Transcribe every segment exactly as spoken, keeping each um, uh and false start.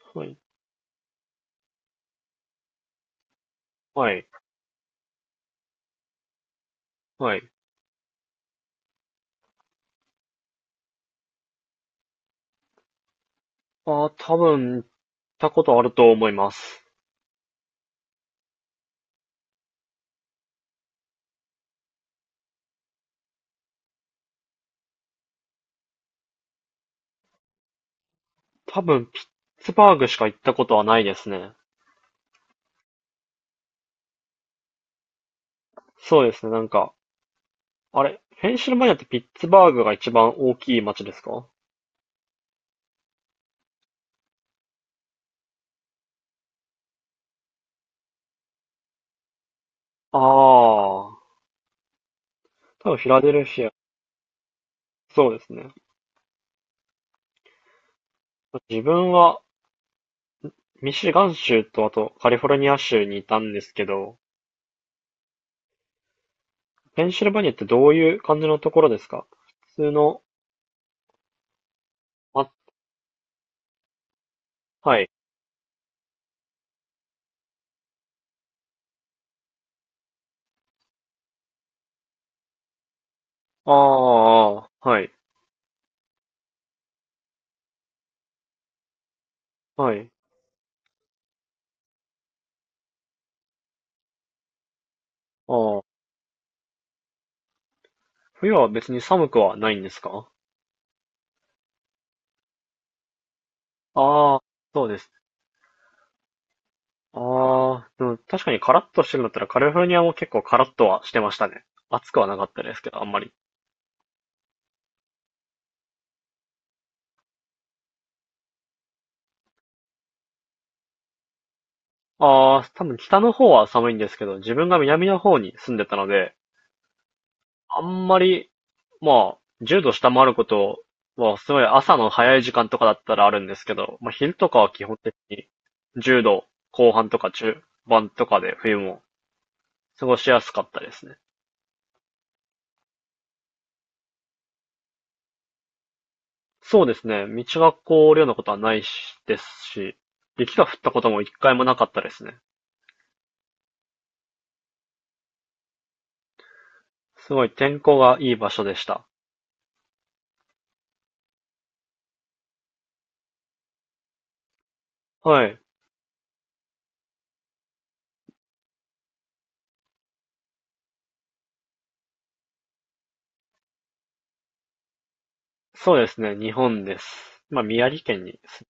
はい。はい。はい。ああ、多分、行ったことあると思います。多分、ピッツバーグしか行ったことはないですね。そうですね、なんか、あれ、ペンシルバニアってピッツバーグが一番大きい町ですか？ああー、多分フィラデルフィア。そうですね。自分はミシガン州とあとカリフォルニア州にいたんですけど、ペンシルバニアってどういう感じのところですか？普通の、あ、はい。ああ、はい。はい。ああ。冬は別に寒くはないんですか？ああー、そうです。ああ、でも確かにカラッとしてるんだったらカリフォルニアも結構カラッとはしてましたね。暑くはなかったですけど、あんまり。ああ、多分北の方は寒いんですけど、自分が南の方に住んでたので、あんまり、まあ、じゅうど下回ることは、すごい朝の早い時間とかだったらあるんですけど、まあ昼とかは基本的にじゅうどこう半とか中盤とかで冬も過ごしやすかったですね。そうですね。道が凍るようなことはないしですし、雪が降ったことも一回もなかったですね。すごい天候がいい場所でした。はい。そうですね。日本です。まあ、宮城県にす。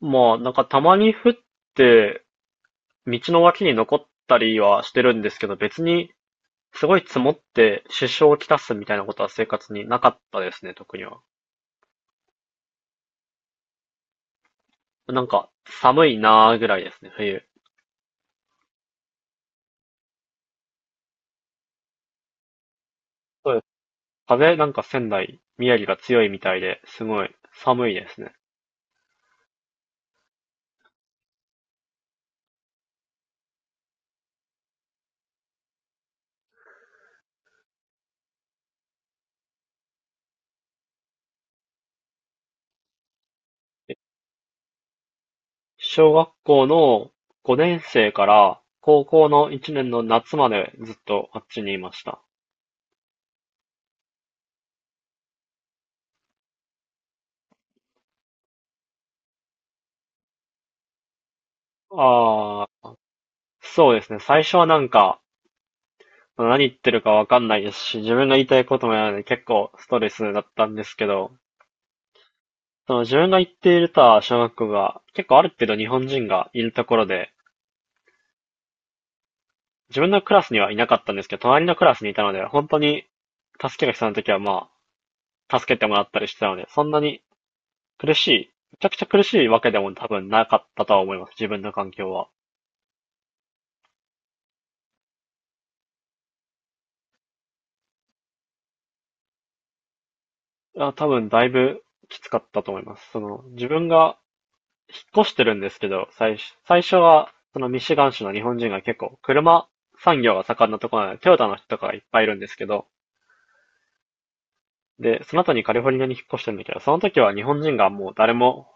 まあ、なんかたまに降って、道の脇に残ったりはしてるんですけど、別にすごい積もって支障をきたすみたいなことは生活になかったですね、特には。なんか寒いなーぐらいですね、冬。そうです。風なんか仙台、宮城が強いみたいで、すごい寒いですね。小学校の五年生から高校の一年の夏までずっとあっちにいました。ああ、そうですね。最初はなんか、何言ってるかわかんないですし、自分が言いたいこともやらないので結構ストレスだったんですけど、その自分が行っていた小学校が結構ある程度日本人がいるところで、自分のクラスにはいなかったんですけど、隣のクラスにいたので、本当に助けが必要な時はまあ、助けてもらったりしてたので、そんなに苦しい。めちゃくちゃ苦しいわけでも多分なかったとは思います。自分の環境は。あ、多分だいぶきつかったと思います。その、自分が引っ越してるんですけど、最初、最初は、そのミシガン州の日本人が結構、車産業が盛んなところなので、トヨタの人とかがいっぱいいるんですけど、で、その後にカリフォルニアに引っ越してるんだけど、その時は日本人がもう誰も、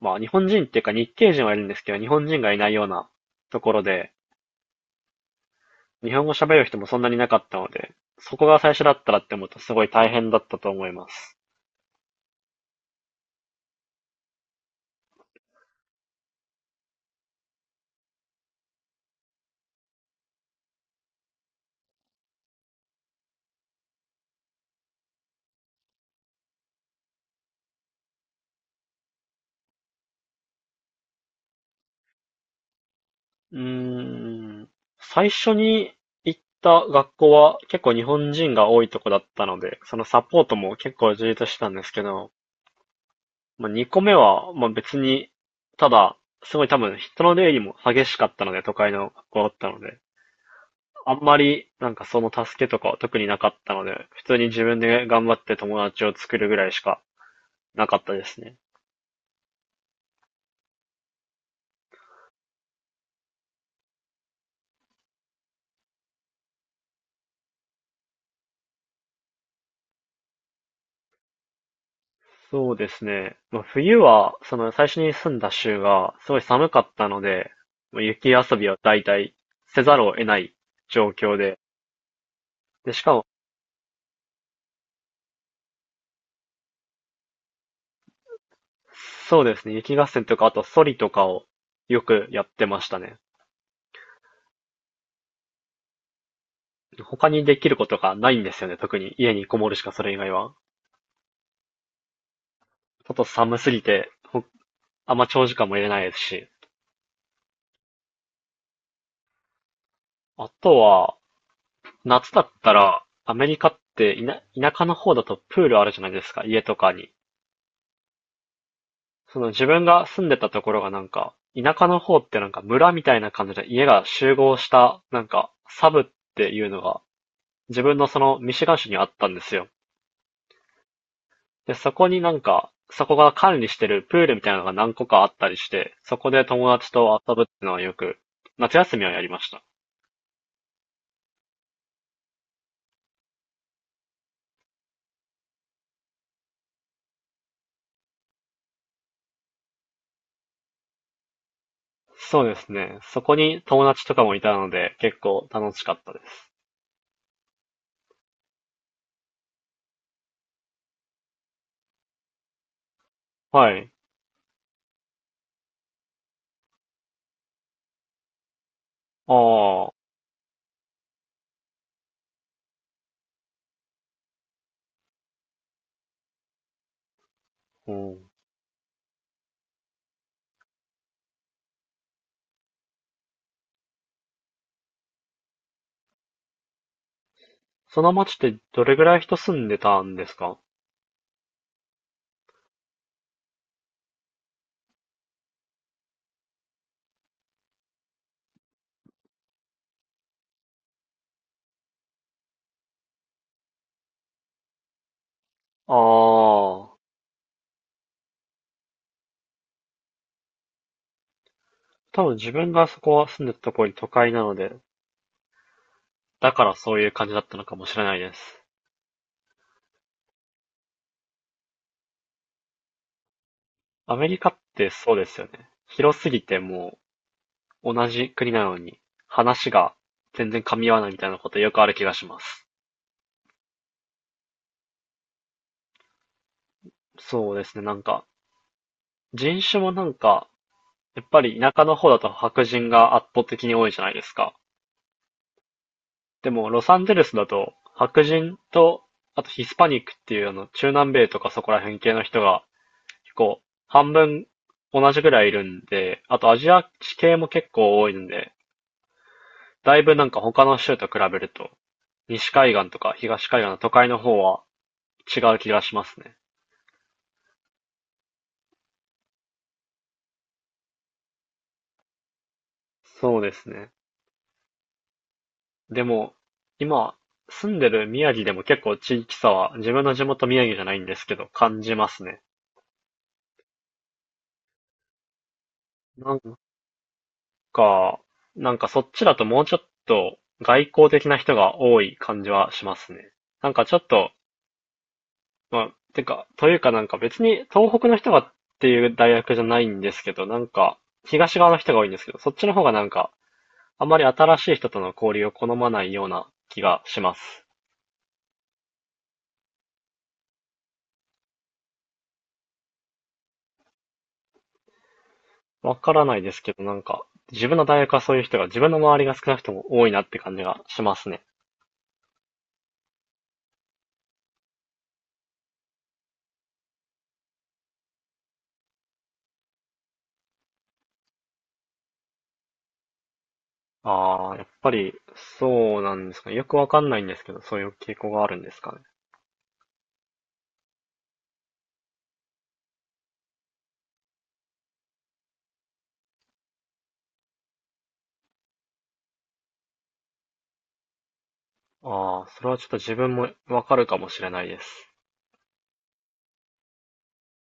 まあ日本人っていうか日系人はいるんですけど、日本人がいないようなところで、日本語喋る人もそんなになかったので、そこが最初だったらって思うとすごい大変だったと思います。うーん、最初に行った学校は結構日本人が多いとこだったので、そのサポートも結構充実してたんですけど、まあ、にこめは、まあ、別に、ただ、すごい多分人の出入りも激しかったので、都会の学校だったので、あんまりなんかその助けとかは特になかったので、普通に自分で頑張って友達を作るぐらいしかなかったですね。そうですね。まあ、冬は、その最初に住んだ州がすごい寒かったので、まあ雪遊びは大体せざるを得ない状況で、で、しかも、そうですね、雪合戦とか、あとソリとかをよくやってましたね。他にできることがないんですよね、特に家にこもるしかそれ以外は。ちょっと寒すぎて、ほあんま長時間もいれないですし。あとは、夏だったら、アメリカって田、田舎の方だとプールあるじゃないですか、家とかに。その自分が住んでたところがなんか、田舎の方ってなんか村みたいな感じで家が集合した、なんか、サブっていうのが、自分のそのミシガン州にあったんですよ。で、そこになんか、そこが管理してるプールみたいなのが何個かあったりして、そこで友達と遊ぶっていうのはよく、夏休みはやりました。そうですね。そこに友達とかもいたので、結構楽しかったです。はい。ああ、うん。その町ってどれぐらい人住んでたんですか？ああ。多分自分がそこは住んでたところに都会なので、だからそういう感じだったのかもしれないです。アメリカってそうですよね。広すぎてもう同じ国なのに話が全然噛み合わないみたいなことよくある気がします。そうですね、なんか人種もなんか、やっぱり田舎の方だと白人が圧倒的に多いじゃないですか。でもロサンゼルスだと白人とあとヒスパニックっていうあの中南米とかそこら辺系の人が結構、半分同じぐらいいるんで、あとアジア地系も結構多いんで、だいぶなんか他の州と比べると、西海岸とか東海岸の都会の方は違う気がしますね。そうですね。でも、今、住んでる宮城でも結構地域差は、自分の地元宮城じゃないんですけど、感じますね。なんか、なんかそっちだともうちょっと外交的な人が多い感じはしますね。なんかちょっとまあ、てか、というかなんか別に東北の人がっていう大学じゃないんですけど、なんか東側の人が多いんですけど、そっちの方がなんかあんまり新しい人との交流を好まないような気がします。わからないですけど、なんか自分の大学はそういう人が自分の周りが少なくとも多いなって感じがしますね。ああ、やっぱりそうなんですかね。よくわかんないんですけど、そういう傾向があるんですかね。ああ、それはちょっと自分もわかるかもしれないです。